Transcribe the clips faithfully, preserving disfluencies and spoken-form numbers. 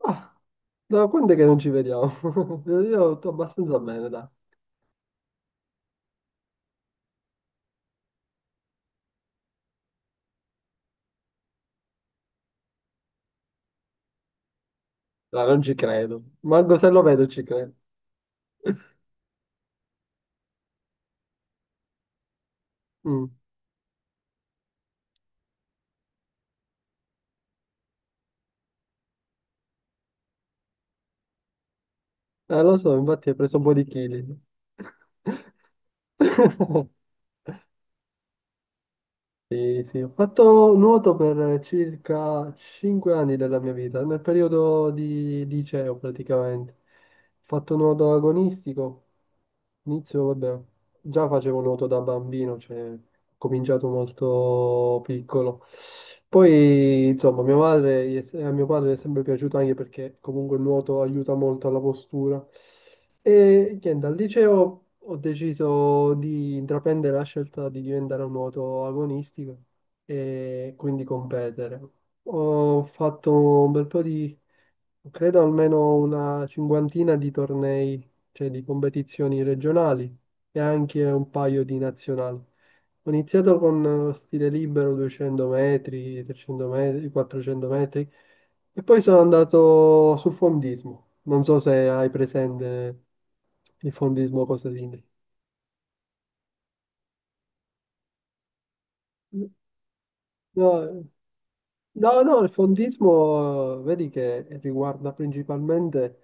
Ah, da quando è che non ci vediamo? Io sto abbastanza bene, dai. Dai, non ci credo. Manco se lo vedo ci credo. Mm. Eh, lo so, infatti hai preso un po' di chili. Sì, sì, ho fatto nuoto per circa cinque anni della mia vita, nel periodo di di liceo praticamente. Ho fatto nuoto agonistico, inizio, vabbè, già facevo nuoto da bambino, cioè ho cominciato molto piccolo. Poi, insomma, mia madre, gli è- a mio padre è sempre piaciuto anche perché comunque il nuoto aiuta molto alla postura. E niente, al liceo ho deciso di intraprendere la scelta di diventare un nuoto agonistico e quindi competere. Ho fatto un bel po' di, credo almeno una cinquantina di tornei, cioè di competizioni regionali e anche un paio di nazionali. Ho iniziato con eh, stile libero duecento metri, trecento metri, quattrocento metri e poi sono andato sul fondismo. Non so se hai presente il fondismo cosetino. No, no, no, il fondismo eh, vedi che riguarda principalmente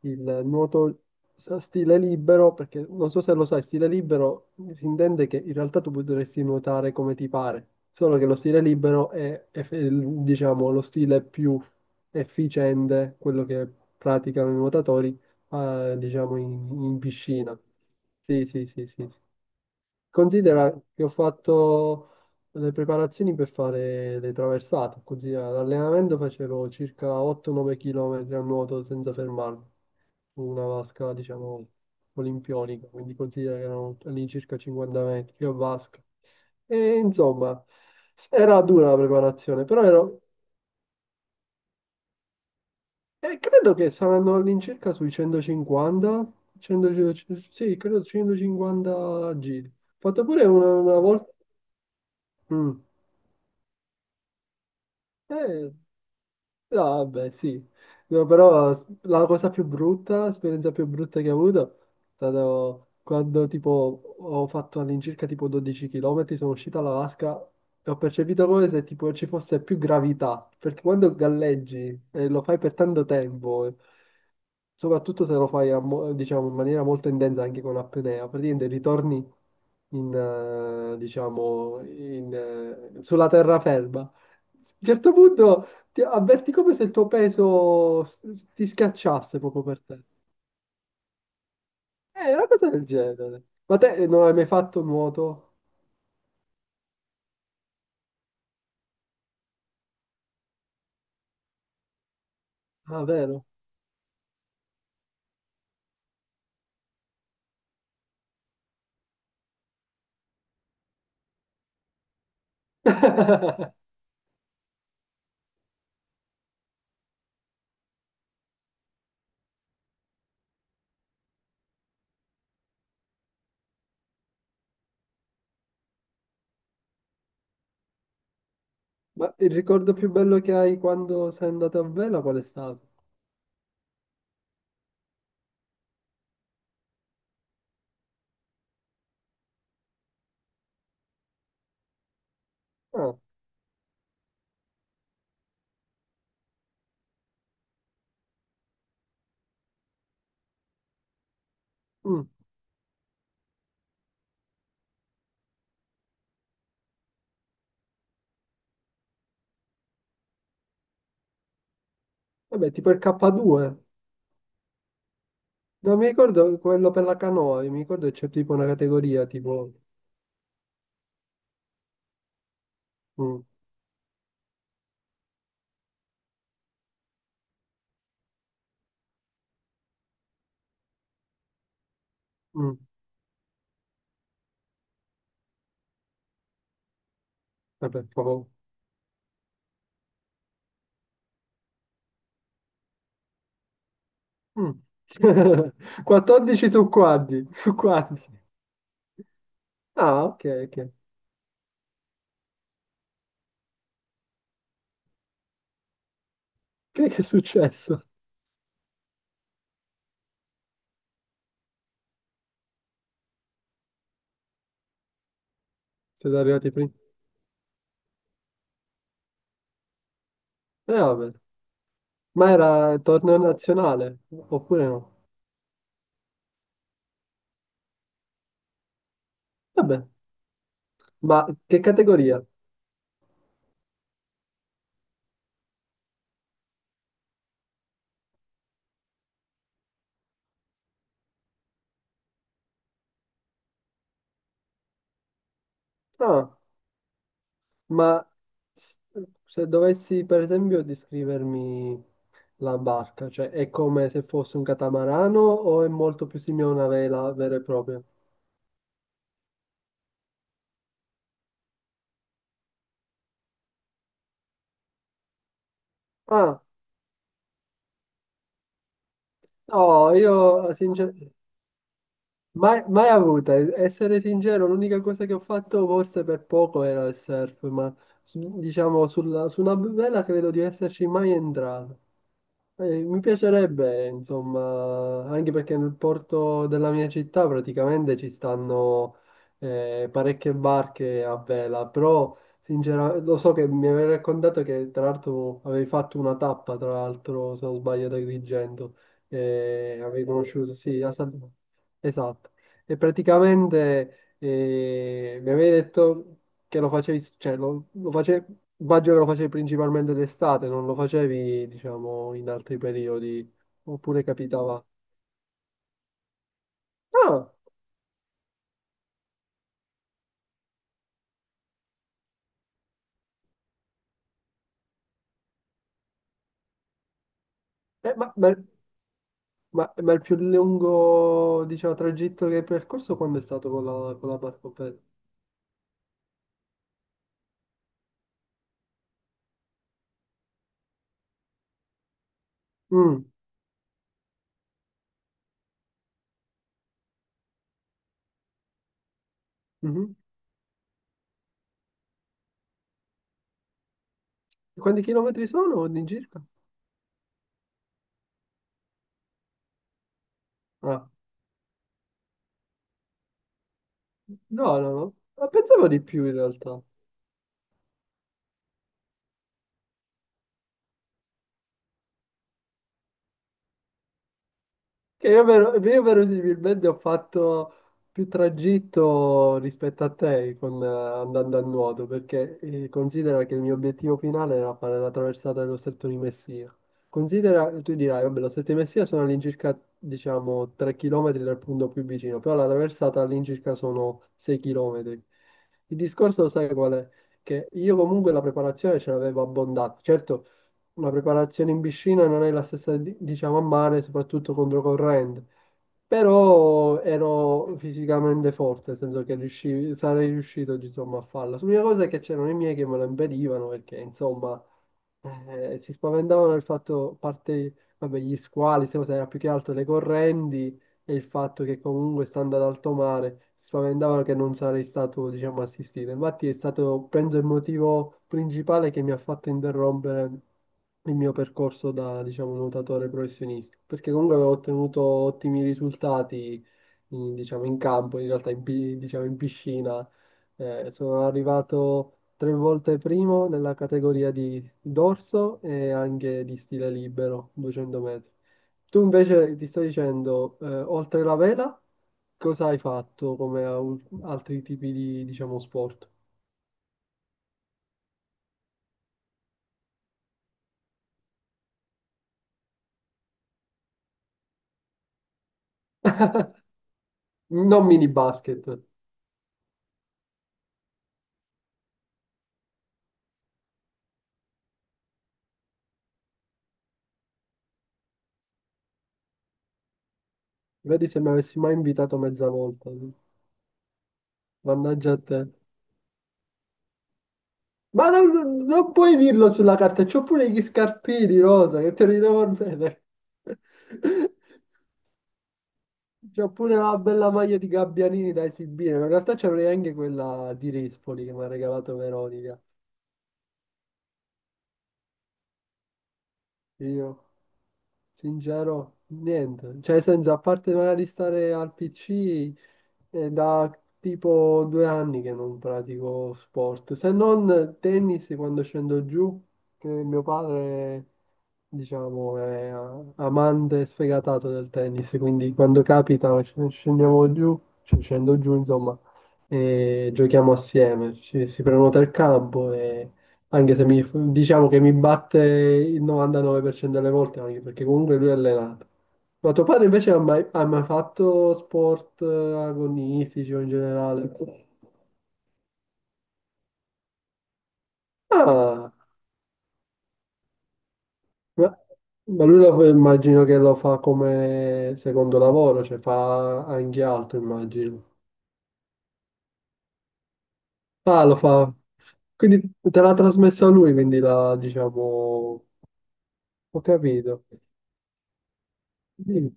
il nuoto sa- stile libero, perché non so se lo sai, stile libero si intende che in realtà tu potresti nuotare come ti pare, solo che lo stile libero è, è fe- diciamo, lo stile più efficiente, quello che praticano i nuotatori, eh, diciamo, in in piscina. Sì, sì, sì, sì, sì. Considera che ho fatto le preparazioni per fare le traversate, così all'allenamento facevo circa otto o nove chilometri km a nuoto senza fermarmi, su una vasca, diciamo, olimpionica, quindi considera che erano all'incirca cinquanta metri, più a vasca. E insomma, era dura la preparazione, però ero... E credo che saranno all'incirca sui centocinquanta, cento, sì, credo centocinquanta giri. Ho fatto pure una, una volta... Mm. Eh, no, vabbè, sì. No, però s- la cosa più brutta, l'esperienza più brutta che ho avuto è stato quando tipo ho fatto all'incirca tipo dodici chilometri, sono uscito dalla vasca e ho percepito come se tipo ci fosse più gravità, perché quando galleggi e lo fai per tanto tempo soprattutto se lo fai a mo- diciamo, in maniera molto intensa anche con apnea, praticamente ritorni in, eh, diciamo, in, eh, sulla terraferma. A un certo punto ti avverti come se il tuo peso s- s- ti schiacciasse proprio per te. È una cosa del genere. Ma te eh, non hai mai fatto nuoto? Ah, vero? Ma il ricordo più bello che hai quando sei andato a vela qual è stato? Ah, mm. Vabbè, tipo il K due. Non mi ricordo quello per la canoa, mi ricordo che c'è tipo una categoria tipo... mm, mm, vabbè, proprio... mm. quattordici su quadri, su quadri. Ah, ok, ok. Che, che è successo? Siete arrivati prima? Eh, vabbè. Ma era torneo nazionale, oppure no? Vabbè, ma che categoria? Ah, ma se dovessi, per esempio, descrivermi... la barca, cioè è come se fosse un catamarano o è molto più simile a una vela vera e propria? Ah, no, io sincer- mai, mai avuta, e- essere sincero, l'unica cosa che ho fatto forse per poco era il surf, ma su- diciamo sulla- su una vela credo di esserci mai entrato. Eh, mi piacerebbe, insomma, anche perché nel porto della mia città praticamente ci stanno eh, parecchie barche a vela, però sinceramente lo so che mi avevi raccontato che tra l'altro avevi fatto una tappa, tra l'altro se non sbaglio, ad Agrigento, eh, avevi conosciuto, sì, a San- esatto, e praticamente eh, mi avevi detto che lo facevi, cioè lo, lo facevi, immagino che lo facevi principalmente d'estate, non lo facevi, diciamo, in altri periodi, oppure capitava. Ah, eh, ma, ma- ma- ma il più lungo, diciamo, tragitto che hai percorso quando è stato con la, con la barcopelle? Mm, mhm. Quanti chilometri sono all'incirca? Ah, no, no, no, ma pensavo di più in realtà. Che io, vero- io verosimilmente ho fatto più tragitto rispetto a te con, eh, andando a nuoto, perché eh, considera che il mio obiettivo finale era fare la traversata dello Stretto di Messina. Considera, tu dirai, vabbè, lo Stretto di Messina sono all'incirca, diciamo, tre chilometri dal punto più vicino, però la traversata all'incirca sono sei chilometri. Il discorso lo sai qual è? Che io comunque la preparazione ce l'avevo abbondata. Certo, una preparazione in piscina non è la stessa, di- diciamo, a mare, soprattutto controcorrente. Però ero fisicamente forte, nel senso che riuscivi- sarei riuscito, insomma, a farla. L'unica cosa è che c'erano i miei che me lo impedivano perché, insomma, eh, si spaventavano del fatto, a parte, vabbè, gli squali, queste cose, era più che altro le correnti e il fatto che comunque stando ad alto mare si spaventavano che non sarei stato, diciamo, assistito. Infatti è stato, penso, il motivo principale che mi ha fatto interrompere il mio percorso da, diciamo, nuotatore professionista, perché comunque avevo ottenuto ottimi risultati, in- diciamo, in campo, in realtà in, pi- diciamo, in piscina. Eh, sono arrivato tre volte primo nella categoria di dorso e anche di stile libero, duecento metri. Tu invece ti sto dicendo, eh, oltre la vela, cosa hai fatto come a- altri tipi di, diciamo, sport? Non mini basket. Vedi se mi avessi mai invitato mezza volta. Mannaggia a te. Ma non, non puoi dirlo sulla carta, c'ho pure gli scarpini rosa che te li devo bene. C'ho pure la bella maglia di Gabbianini da esibire, ma in realtà c'avrei anche quella di Rispoli che mi ha regalato Veronica. Io. Sincero, niente. Cioè, nel senso, a parte magari stare al P C, è da tipo due anni che non pratico sport, se non tennis quando scendo giù, che mio padre, diciamo, è amante sfegatato del tennis, quindi quando capita sc- scendiamo giù, cioè scendo giù, insomma, e giochiamo assieme. Ci- si prenota il campo e anche se mi, diciamo che mi batte il novantanove per cento delle volte, anche perché comunque lui è allenato. Ma tuo padre invece ha mai, ha mai fatto sport eh, agonistici o in generale? Ah, ma, ma lui lo, fa- immagino che lo fa come secondo lavoro, cioè fa anche altro, immagino. Ah, lo fa. Quindi te l'ha trasmesso a lui, quindi la, diciamo, ho capito. Sì,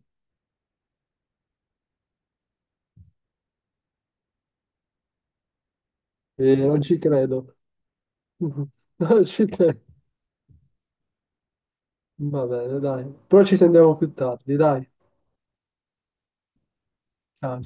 eh, non ci credo. Non ci credo. Va bene, dai. Però ci sentiamo più tardi, dai. Ciao.